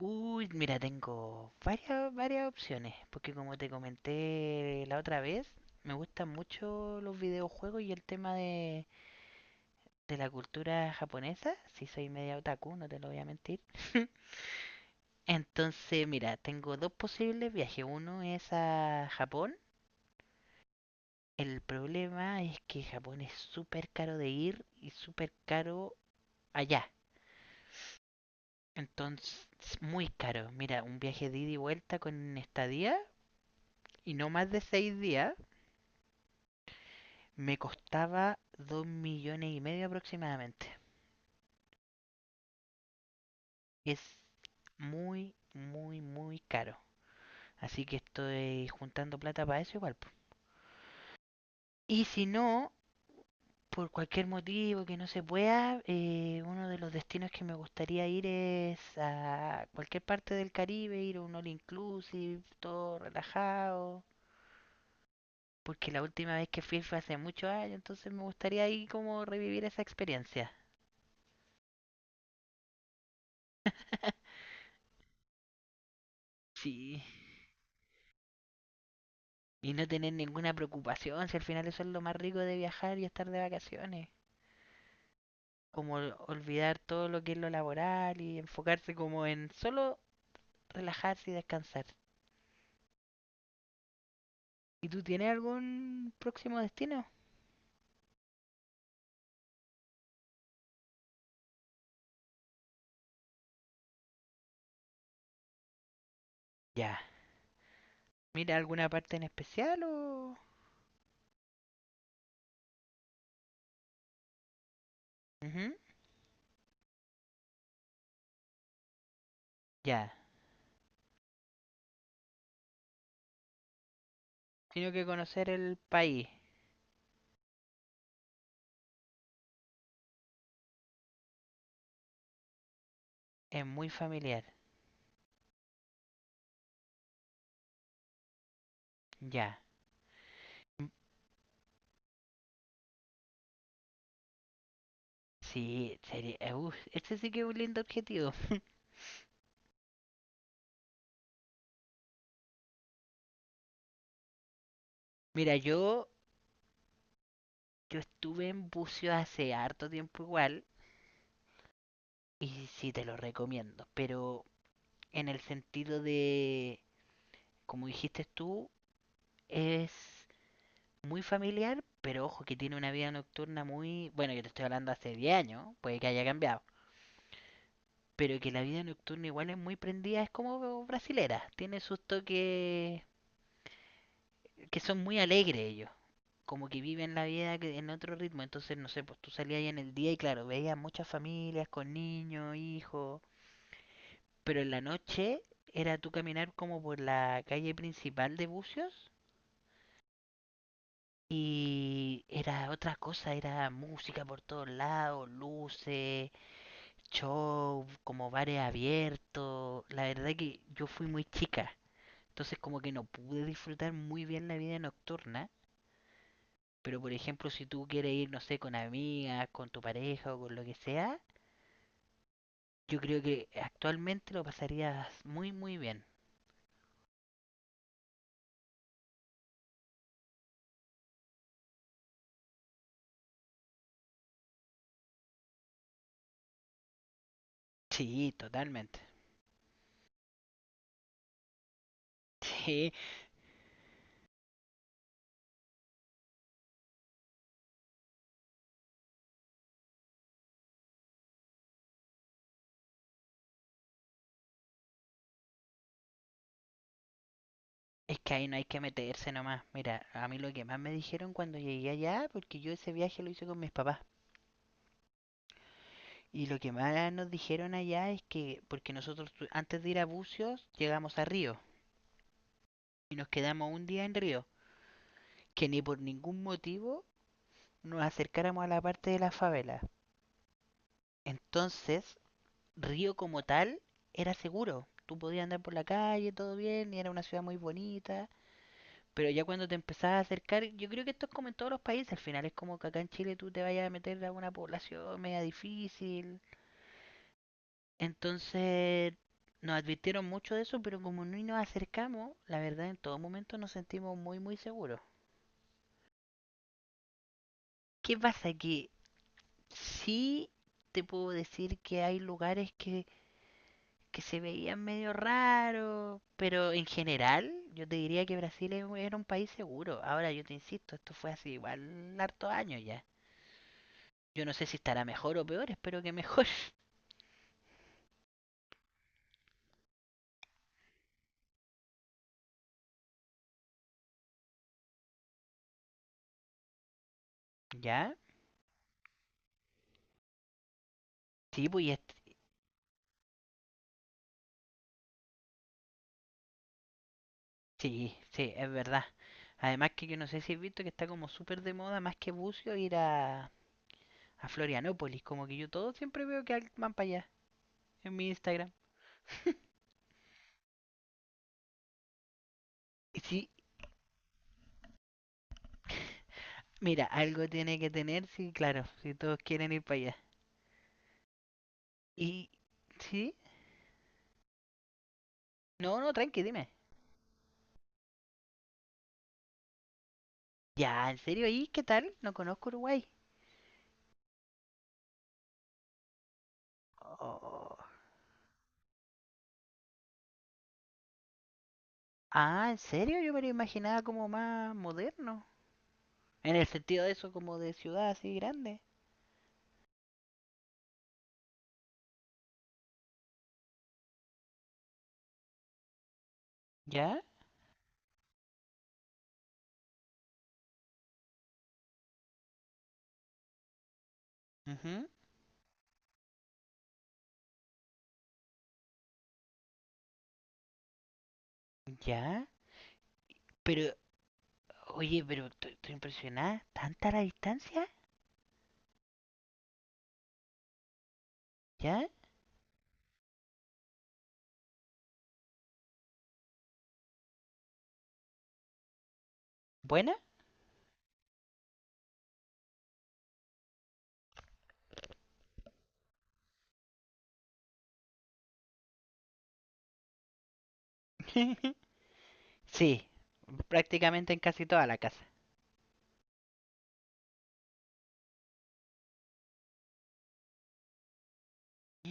Uy, mira, tengo varias opciones, porque como te comenté la otra vez, me gustan mucho los videojuegos y el tema de la cultura japonesa. Si soy media otaku, no te lo voy a mentir. Entonces, mira, tengo dos posibles viajes. Uno es a Japón. El problema es que Japón es súper caro de ir y súper caro allá. Entonces, muy caro. Mira, un viaje de ida y vuelta con estadía y no más de 6 días. Me costaba 2,5 millones aproximadamente. Es muy, muy, muy caro. Así que estoy juntando plata para eso igual. Y si no, por cualquier motivo que no se pueda, uno de los destinos que me gustaría ir es a cualquier parte del Caribe, ir a un all inclusive, todo relajado. Porque la última vez que fui fue hace muchos años, entonces me gustaría ahí como revivir esa experiencia. Sí. Y no tener ninguna preocupación, si al final eso es lo más rico de viajar y estar de vacaciones. Como olvidar todo lo que es lo laboral y enfocarse como en solo relajarse y descansar. ¿Y tú tienes algún próximo destino? Ya. ¿Mira alguna parte en especial o...? Ujú. Ya. Tengo que conocer el país. Es muy familiar. Ya. Mm. Sí, sería... este sí que es un lindo objetivo. Mira, yo estuve en buceo hace harto tiempo igual. Y sí te lo recomiendo, pero en el sentido de, como dijiste tú, es muy familiar, pero ojo que tiene una vida nocturna muy... Bueno, yo te estoy hablando hace 10 años, puede que haya cambiado, pero que la vida nocturna igual es muy prendida, es como brasilera, tiene sus toques que son muy alegres ellos, como que viven la vida en otro ritmo, entonces no sé, pues tú salías ahí en el día y claro, veías muchas familias con niños, hijos. Pero en la noche era tú caminar como por la calle principal de Bucios y era otra cosa, era música por todos lados, luces, show, como bares abiertos. La verdad que yo fui muy chica, entonces como que no pude disfrutar muy bien la vida nocturna. Pero por ejemplo, si tú quieres ir, no sé, con amigas, con tu pareja o con lo que sea, yo creo que actualmente lo pasarías muy, muy bien. Sí, totalmente. Sí. Es que ahí no hay que meterse nomás. Mira, a mí lo que más me dijeron cuando llegué allá, porque yo ese viaje lo hice con mis papás, y lo que más nos dijeron allá es que, porque nosotros antes de ir a Bucios llegamos a Río y nos quedamos un día en Río, que ni por ningún motivo nos acercáramos a la parte de la favela. Entonces, Río como tal era seguro. Tú podías andar por la calle, todo bien, y era una ciudad muy bonita. Pero ya cuando te empezás a acercar, yo creo que esto es como en todos los países, al final es como que acá en Chile tú te vayas a meter a una población media difícil. Entonces nos advirtieron mucho de eso, pero como no nos acercamos, la verdad en todo momento nos sentimos muy muy seguros. ¿Qué pasa? Que sí te puedo decir que hay lugares que se veían medio raros, pero en general yo te diría que Brasil era un país seguro. Ahora yo te insisto, esto fue hace igual harto años ya. Yo no sé si estará mejor o peor, espero que mejor. ¿Ya? Sí, pues y sí, sí, es verdad. Además que yo no sé si has visto que está como súper de moda, más que bucio, ir a Florianópolis. Como que yo todo siempre veo que van para allá, en mi Instagram. Y sí, mira, algo tiene que tener, sí, claro, si todos quieren ir para allá. Y, sí, no, no, tranqui, dime. Ya, ¿en serio? ¿Y qué tal? No conozco Uruguay. Oh. Ah, ¿en serio? Yo me lo imaginaba como más moderno. En el sentido de eso, como de ciudad así grande. ¿Ya? Ujú. ¿Ya? Pero, oye, pero estoy impresionada. ¿Tanta la distancia? ¿Ya? ¿Buena? Sí, prácticamente en casi toda la casa. No.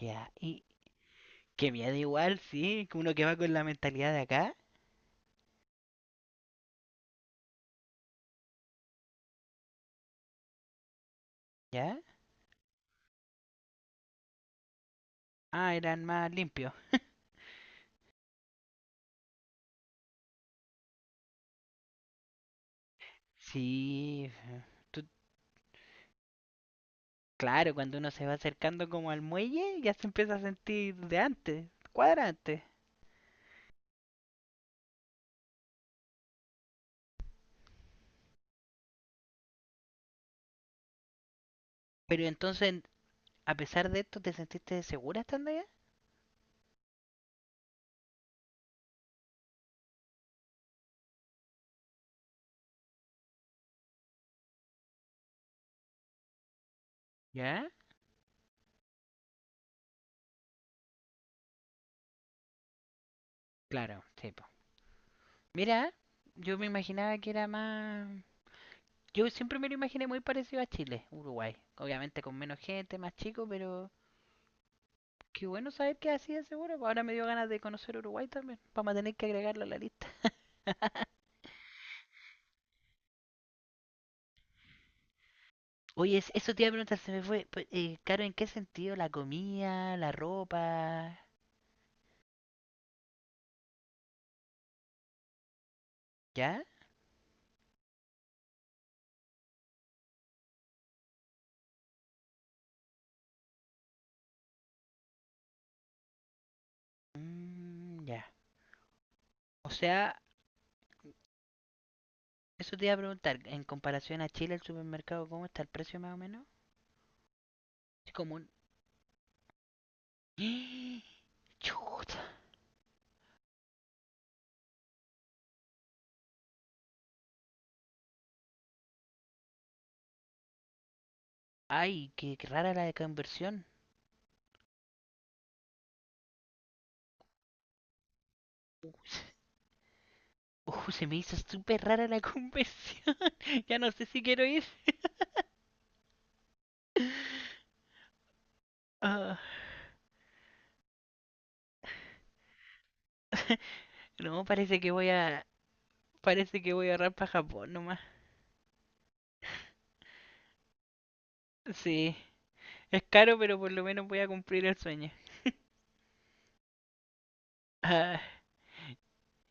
Ya, y que miedo igual, sí, que uno que va con la mentalidad de acá, ¿ya? Ah, eran más limpios. Sí, tú- claro, cuando uno se va acercando como al muelle, ya se empieza a sentir de antes, cuadra antes. Pero entonces, a pesar de esto, ¿te sentiste segura estando allá? ¿Ya? Claro, sí, po. Mira, yo me imaginaba que era más... Yo siempre me lo imaginé muy parecido a Chile, Uruguay. Obviamente con menos gente, más chico, pero qué bueno saber que así es seguro, pues. Ahora me dio ganas de conocer Uruguay también. Vamos a tener que agregarlo a la lista. Oye, eso te iba a preguntar, se me fue. Claro, ¿en qué sentido? ¿La comida, la ropa? ¿Ya? Mm, ya. O sea, eso te iba a preguntar, en comparación a Chile, el supermercado, ¿cómo está el precio más o menos? Es como... Chuta. Ay, qué rara la conversión. Se me hizo súper rara la conversión. Ya no sé si quiero ir. Ah, no, parece que voy a. Parece que voy a ahorrar para Japón nomás. Sí. Es caro, pero por lo menos voy a cumplir el sueño. Ah,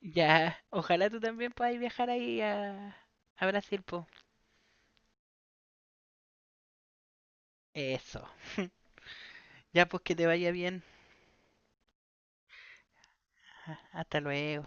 ya. Ojalá tú también puedas viajar ahí a Brasil, po. Eso. Ya, pues que te vaya bien. Ah, hasta luego.